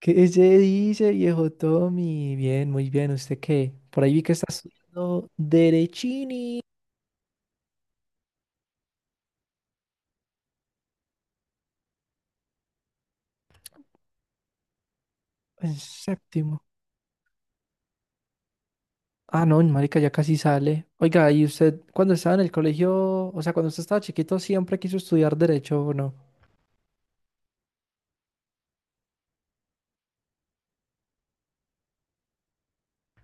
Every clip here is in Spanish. ¿Qué se dice, viejo Tommy? Bien, muy bien. ¿Usted qué? Por ahí vi que está estudiando Derechini en séptimo. Ah, no, marica, ya casi sale. Oiga, ¿y usted cuando estaba en el colegio, o sea, cuando usted estaba chiquito, siempre quiso estudiar Derecho o no?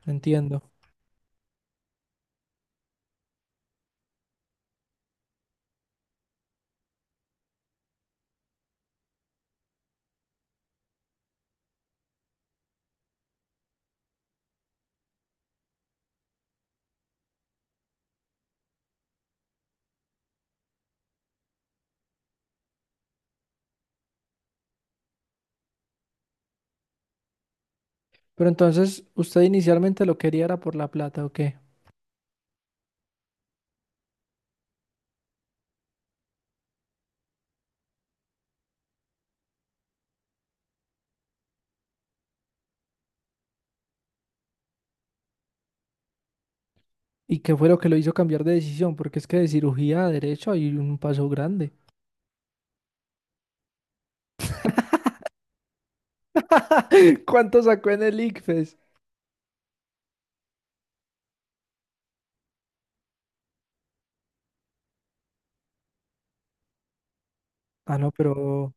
Entiendo. Pero entonces, ¿usted inicialmente lo quería era por la plata o qué? ¿Y qué fue lo que lo hizo cambiar de decisión? Porque es que de cirugía a Derecho hay un paso grande. ¿Cuánto sacó en el ICFES? Ah, no, pero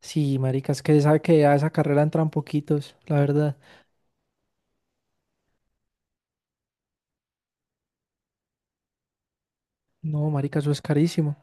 sí, marica, es que sabe que a esa carrera entran poquitos, la verdad. No, marica, eso es carísimo.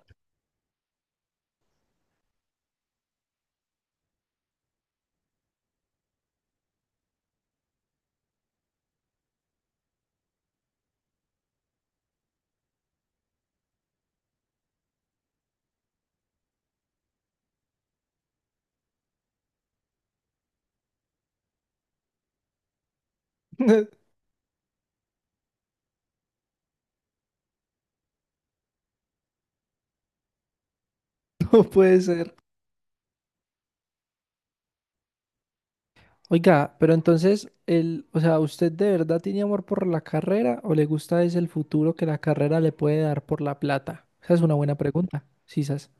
No puede ser. Oiga, pero entonces, ¿usted de verdad tiene amor por la carrera o le gusta es el futuro que la carrera le puede dar por la plata? Esa es una buena pregunta, sisas.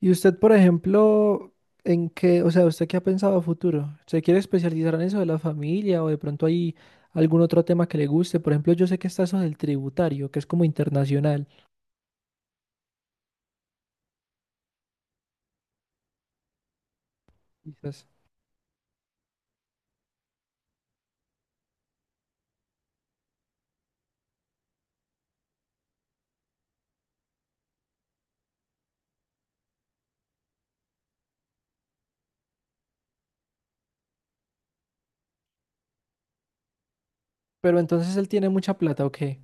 Y usted, por ejemplo, ¿en qué, o sea, ¿usted qué ha pensado a futuro? ¿Se quiere especializar en eso de la familia o de pronto hay algún otro tema que le guste? Por ejemplo, yo sé que está eso del tributario, que es como internacional. Quizás. Pero entonces él tiene mucha plata, ¿o qué?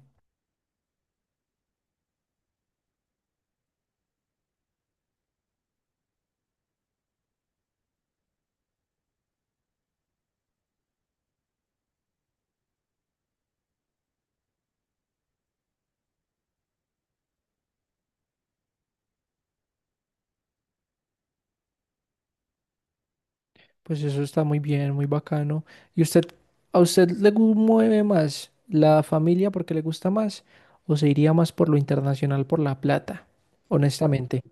Pues eso está muy bien, muy bacano. ¿Y usted, a usted mueve más la familia porque le gusta más? ¿O se iría más por lo internacional, por la plata? Honestamente.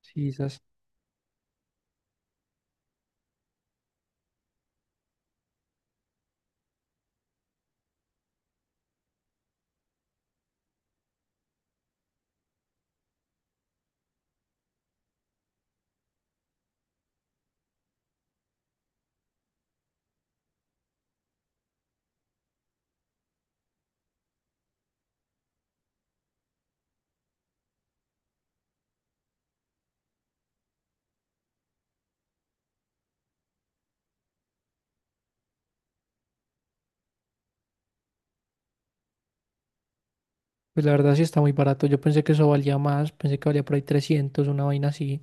Sí, esas. Pues la verdad sí está muy barato. Yo pensé que eso valía más. Pensé que valía por ahí 300, una vaina así.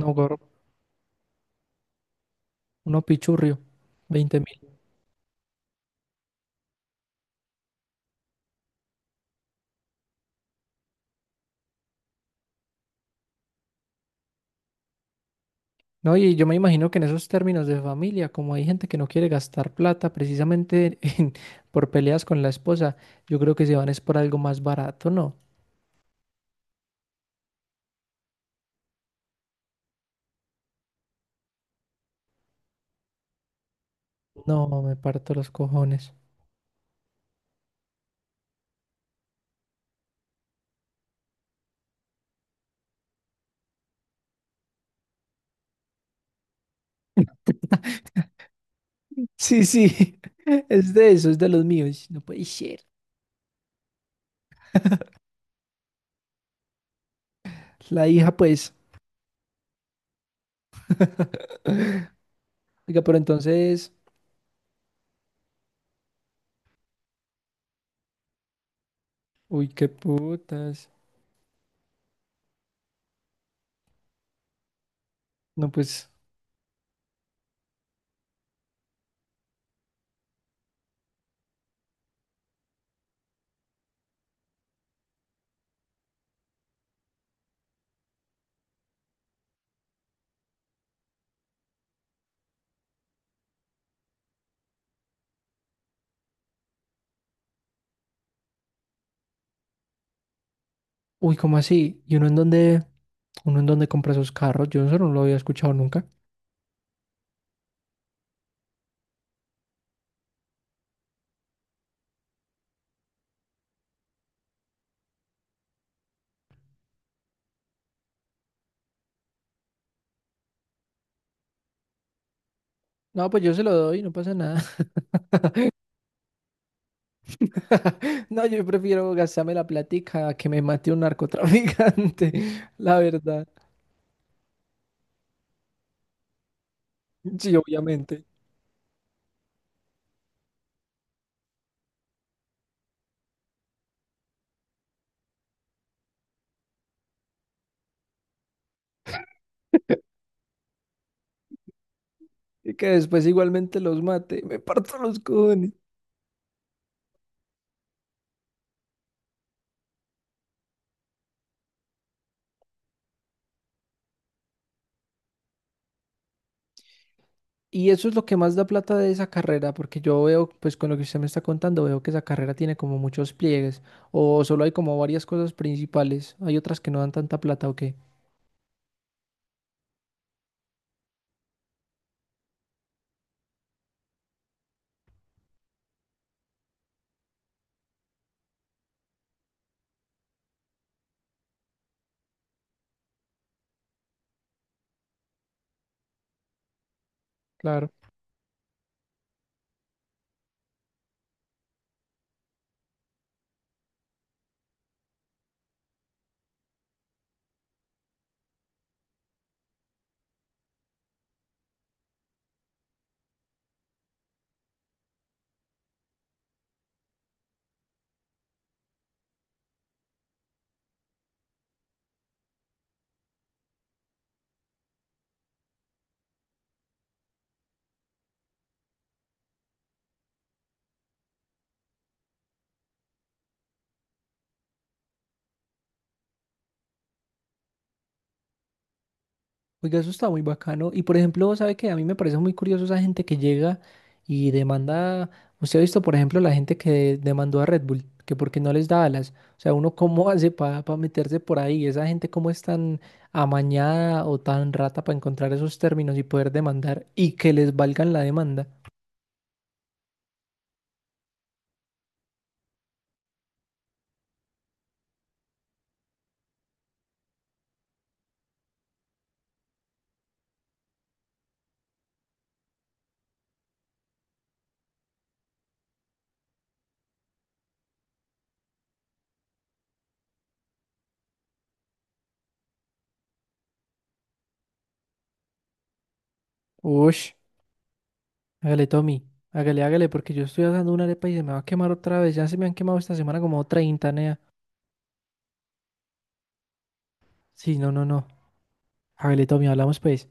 No, gorro. Uno pichurrio. 20.000. No, y yo me imagino que en esos términos de familia, como hay gente que no quiere gastar plata precisamente en- por peleas con la esposa, yo creo que se van es por algo más barato, ¿no? No, me parto los cojones. Sí, sí, es de eso, es de los míos. No puede ser. La hija, pues. Oiga, pero entonces, uy, qué putas. No, pues, uy, ¿cómo así? ¿Y uno en dónde compra esos carros? Yo eso no lo había escuchado nunca. No, pues yo se lo doy, no pasa nada. No, yo prefiero gastarme la platica a que me mate un narcotraficante, la verdad. Sí, obviamente. Y que después igualmente los mate, me parto los cojones. Y eso es lo que más da plata de esa carrera, porque yo veo, pues con lo que usted me está contando, veo que esa carrera tiene como muchos pliegues, o solo hay como varias cosas principales, hay otras que no dan tanta plata, ¿o qué? Claro. Oiga, eso está muy bacano. Y por ejemplo, ¿sabe qué? A mí me parece muy curioso esa gente que llega y demanda. Usted ha visto, por ejemplo, la gente que demandó a Red Bull, que porque no les da alas. O sea, uno cómo hace para meterse por ahí. Esa gente cómo es tan amañada o tan rata para encontrar esos términos y poder demandar y que les valgan la demanda. Ush, hágale, Tommy. Hágale, hágale, porque yo estoy haciendo una arepa y se me va a quemar otra vez. Ya se me han quemado esta semana como 30, nea. Sí, no, no, no. Hágale, Tommy, hablamos pues.